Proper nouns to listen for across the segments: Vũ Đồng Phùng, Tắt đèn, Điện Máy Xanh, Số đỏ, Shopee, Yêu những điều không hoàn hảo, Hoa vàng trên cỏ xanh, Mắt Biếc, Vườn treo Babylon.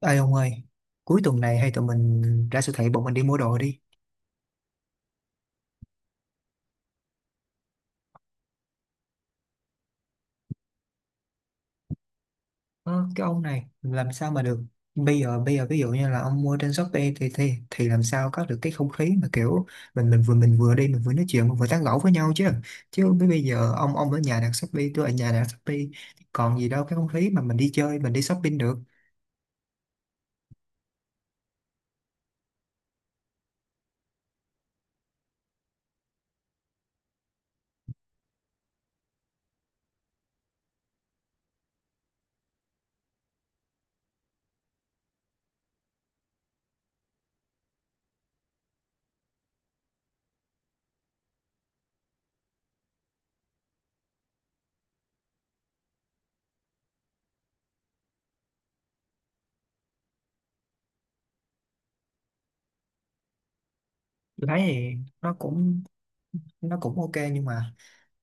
Ê ông ơi, cuối tuần này hay tụi mình ra siêu thị bọn mình đi mua đồ đi. Ờ, cái ông này làm sao mà được? Bây giờ ví dụ như là ông mua trên Shopee thì làm sao có được cái không khí mà kiểu mình vừa mình vừa đi mình vừa nói chuyện mình vừa tán gẫu với nhau chứ. Chứ bây bây giờ ông ở nhà đặt Shopee, tôi ở nhà đặt Shopee còn gì đâu cái không khí mà mình đi chơi mình đi shopping được. Tôi thấy thì nó cũng nó cũng ok, nhưng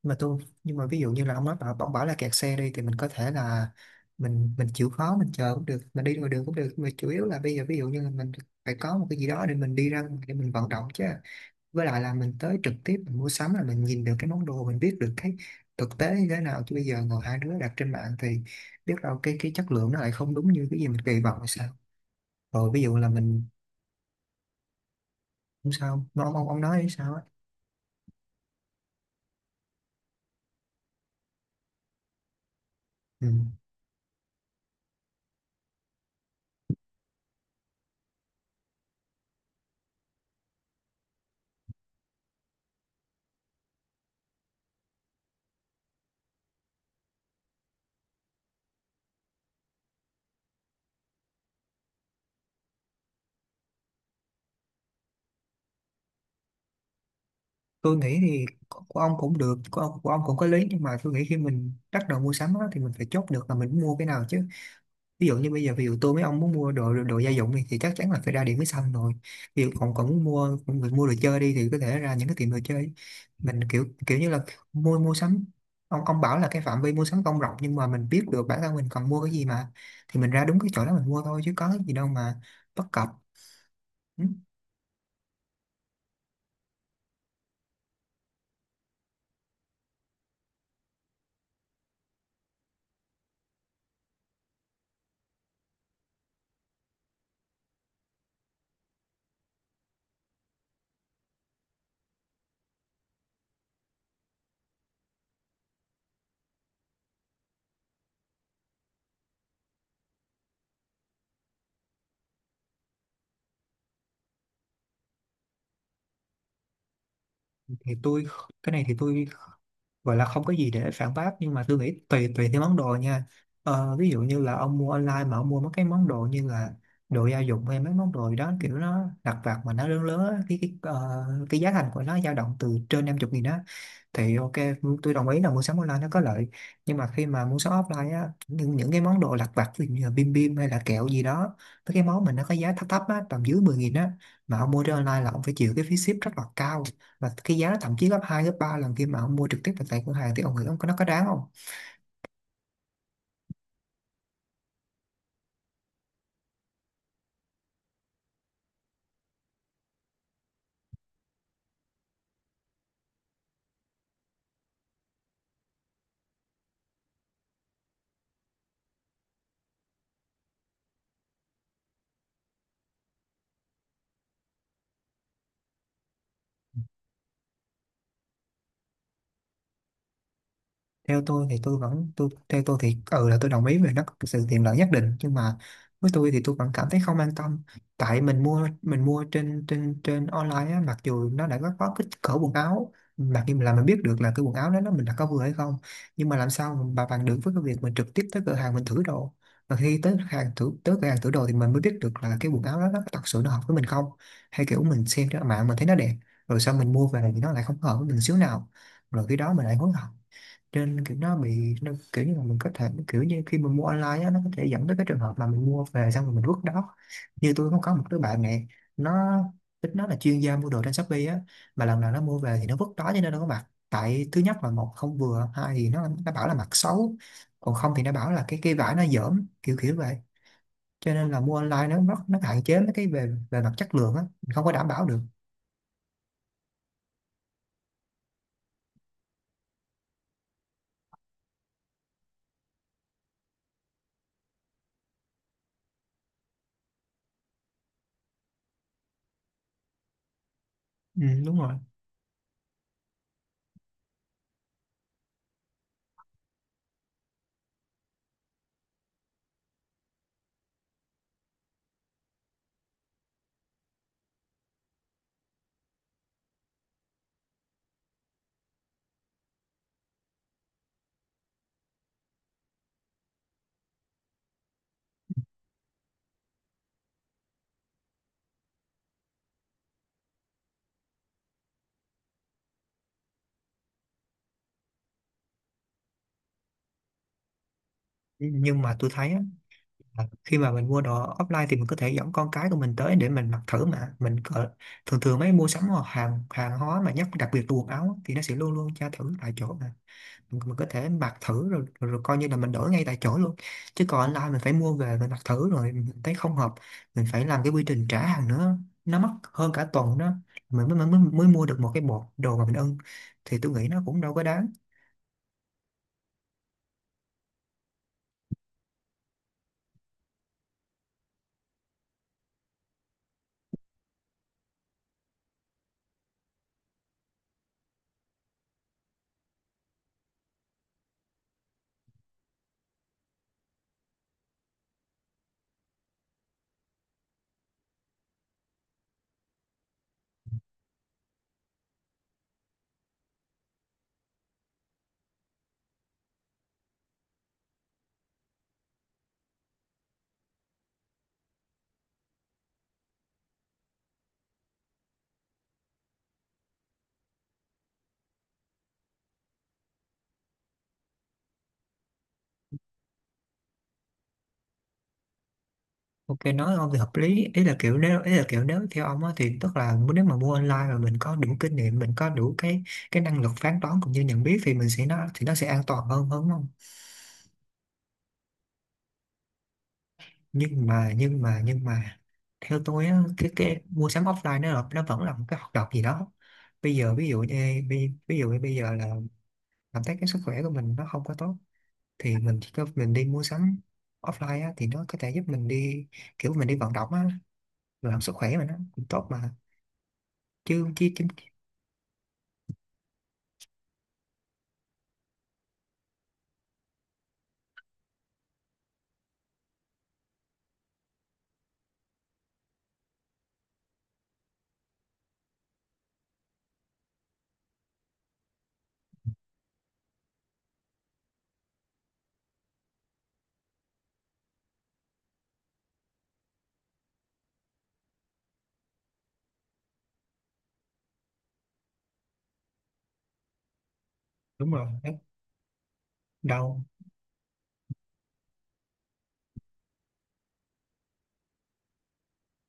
mà tôi nhưng mà ví dụ như là ông nói bảo ông bảo là kẹt xe đi thì mình có thể là mình chịu khó mình chờ cũng được, mình đi ngoài đường cũng được, mà chủ yếu là bây giờ ví dụ như là mình phải có một cái gì đó để mình đi ra ngoài để mình vận động chứ. Với lại là mình tới trực tiếp mình mua sắm là mình nhìn được cái món đồ, mình biết được cái thực tế như thế nào, chứ bây giờ ngồi hai đứa đặt trên mạng thì biết đâu cái chất lượng nó lại không đúng như cái gì mình kỳ vọng hay sao. Rồi ví dụ là mình không sao, nó ông nói hay sao á? Ừ. Tôi nghĩ thì của ông cũng được, của ông cũng có lý, nhưng mà tôi nghĩ khi mình bắt đầu mua sắm á, thì mình phải chốt được là mình muốn mua cái nào chứ. Ví dụ như bây giờ ví dụ tôi với ông muốn mua đồ đồ gia dụng thì chắc chắn là phải ra Điện Máy Xanh rồi. Ví dụ còn còn muốn mua đồ chơi đi thì có thể ra những cái tiệm đồ chơi. Mình kiểu kiểu như là mua mua sắm, ông bảo là cái phạm vi mua sắm không rộng nhưng mà mình biết được bản thân mình cần mua cái gì mà. Thì mình ra đúng cái chỗ đó mình mua thôi chứ có cái gì đâu mà bất cập. Ừ, thì tôi, cái này thì tôi gọi là không có gì để phản bác, nhưng mà tôi nghĩ tùy tùy theo món đồ nha. Ví dụ như là ông mua online mà ông mua mấy cái món đồ như là đồ gia dụng hay mấy món đồ gì đó kiểu nó lặt vặt mà nó lớn lớn á, cái giá thành của nó dao động từ trên 50 nghìn đó thì ok, tôi đồng ý là mua sắm online nó có lợi. Nhưng mà khi mà mua sắm offline á, những cái món đồ lặt vặt ví dụ như là bim bim hay là kẹo gì đó, mấy cái món mà nó có giá thấp thấp á tầm dưới 10 nghìn á, mà ông mua trên online là ông phải chịu cái phí ship rất là cao, và cái giá nó thậm chí gấp 2 gấp 3 lần khi mà ông mua trực tiếp tại tại cửa hàng thì ông nghĩ ông có nó có đáng không? Theo tôi thì tôi vẫn tôi theo tôi thì ừ là tôi đồng ý về nó có sự tiện lợi nhất định, nhưng mà với tôi thì tôi vẫn cảm thấy không an tâm. Tại mình mua trên trên trên online á, mặc dù nó đã có kích cỡ quần áo, mặc dù là mình biết được là cái quần áo đó nó mình đã có vừa hay không, nhưng mà làm sao mình bà bằng được với cái việc mình trực tiếp tới cửa hàng mình thử đồ. Và khi tới hàng thử tới cửa hàng thử đồ thì mình mới biết được là cái quần áo đó nó thật sự nó hợp với mình không, hay kiểu mình xem trên mạng mình thấy nó đẹp rồi sau mình mua về thì nó lại không hợp với mình xíu nào, rồi khi đó mình lại hối hận. Nên kiểu nó bị nó kiểu như là mình có thể kiểu như khi mình mua online á, nó có thể dẫn tới cái trường hợp mà mình mua về xong rồi mình vứt đó. Như tôi cũng có một đứa bạn này, nó tính nó là chuyên gia mua đồ trên Shopee á, mà lần nào nó mua về thì nó vứt đó. Cho nên nó có mặc tại thứ nhất là một không vừa, hai thì nó bảo là mặc xấu, còn không thì nó bảo là cái vải nó dởm kiểu kiểu vậy. Cho nên là mua online nó hạn chế mấy cái về về mặt chất lượng á, mình không có đảm bảo được. Ừ, đúng rồi. Nhưng mà tôi thấy á, à, khi mà mình mua đồ offline thì mình có thể dẫn con cái của mình tới để mình mặc thử mà mình cỡ, thường thường mấy mua sắm hoặc hàng hàng hóa mà nhất đặc biệt là quần áo á, thì nó sẽ luôn luôn tra thử tại chỗ mà mình có thể mặc thử rồi, rồi, rồi coi như là mình đổi ngay tại chỗ luôn. Chứ còn online mình phải mua về mình mặc thử rồi mình thấy không hợp, mình phải làm cái quy trình trả hàng nữa, nó mất hơn cả tuần đó mình mới, mới mới mua được một cái bộ đồ mà mình ưng, thì tôi nghĩ nó cũng đâu có đáng. Ok, nói ông thì hợp lý, ý là kiểu nếu ý là kiểu nếu theo ông á thì tức là nếu mà mua online mà mình có đủ kinh nghiệm mình có đủ cái năng lực phán đoán cũng như nhận biết thì mình sẽ nó thì nó sẽ an toàn hơn hơn đúng không? Nhưng mà theo tôi á, cái mua sắm offline nó là- nó vẫn là một cái hoạt động gì đó. Bây giờ ví dụ như ví dụ như bây giờ là cảm thấy cái sức khỏe của mình nó không có tốt thì mình chỉ có mình đi mua sắm offline á, thì nó có thể giúp mình đi kiểu mình đi vận động á, làm sức khỏe mà nó cũng tốt mà, chứ chứ. Đúng rồi, rất đau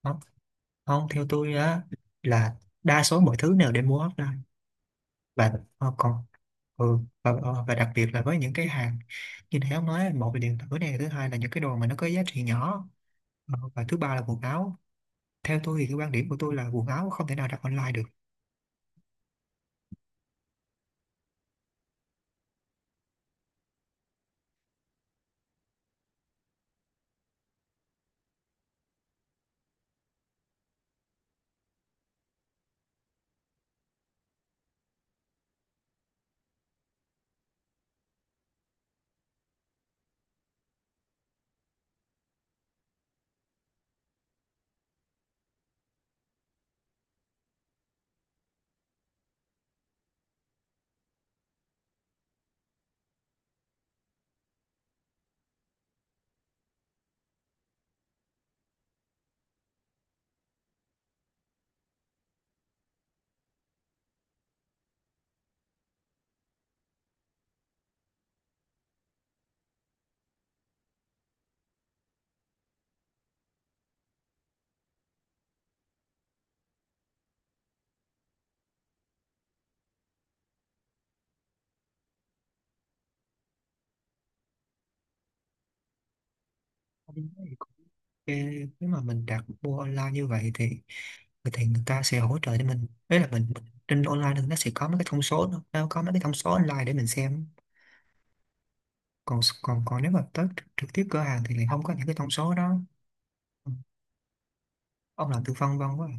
lắm. Không, theo tôi á, là đa số mọi thứ đều nên mua offline. Và ờ, còn ừ, và, ờ, và đặc biệt là với những cái hàng như thế ông nói, một là điện tử này, thứ hai là những cái đồ mà nó có giá trị nhỏ, ờ, và thứ ba là quần áo. Theo tôi thì cái quan điểm của tôi là quần áo không thể nào đặt online được. Ờ, nếu mà mình đặt mua online như vậy thì người ta sẽ hỗ trợ cho mình, đấy là mình trên online thì nó sẽ có mấy cái thông số, nó có mấy cái thông số online để mình xem. Còn còn còn nếu mà tới trực tiếp cửa hàng thì lại không có những cái thông số đó. Ừ, ông làm tư phân vân quá à.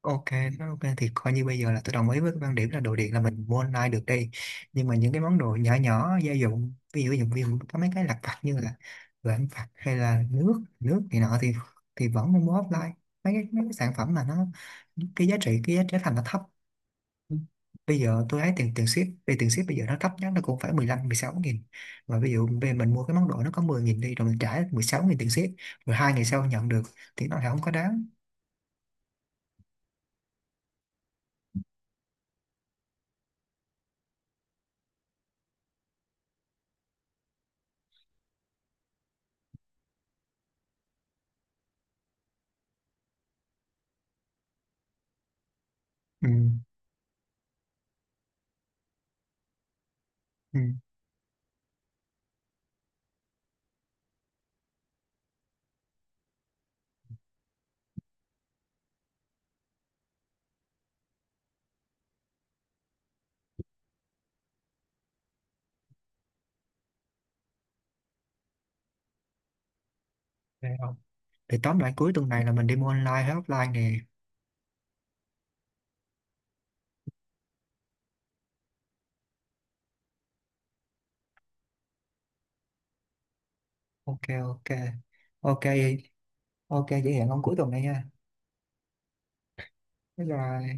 Ok, ok thì coi như bây giờ là tôi đồng ý với cái quan điểm là đồ điện là mình mua online được đi. Nhưng mà những cái món đồ nhỏ nhỏ gia dụng ví dụ có mấy cái lặt vặt như là vện vặt hay là nước nước này nọ thì vẫn nên mua offline. Mấy cái sản phẩm mà nó cái giá trị thành nó thấp. Bây giờ tôi thấy tiền tiền ship về tiền ship bây giờ nó thấp nhất nó cũng phải 15 16 nghìn. Và ví dụ về mình mua cái món đồ nó có 10 nghìn đi rồi mình trả 16 nghìn tiền ship, rồi 2 ngày sau nhận được, thì nó lại không có đáng. Ừ. Ừ. Vậy không? Thì tóm lại cuối tuần này là mình đi mua online hay offline nè? ok ok ok ok vậy hẹn ông cuối tuần này nha. Bye bye.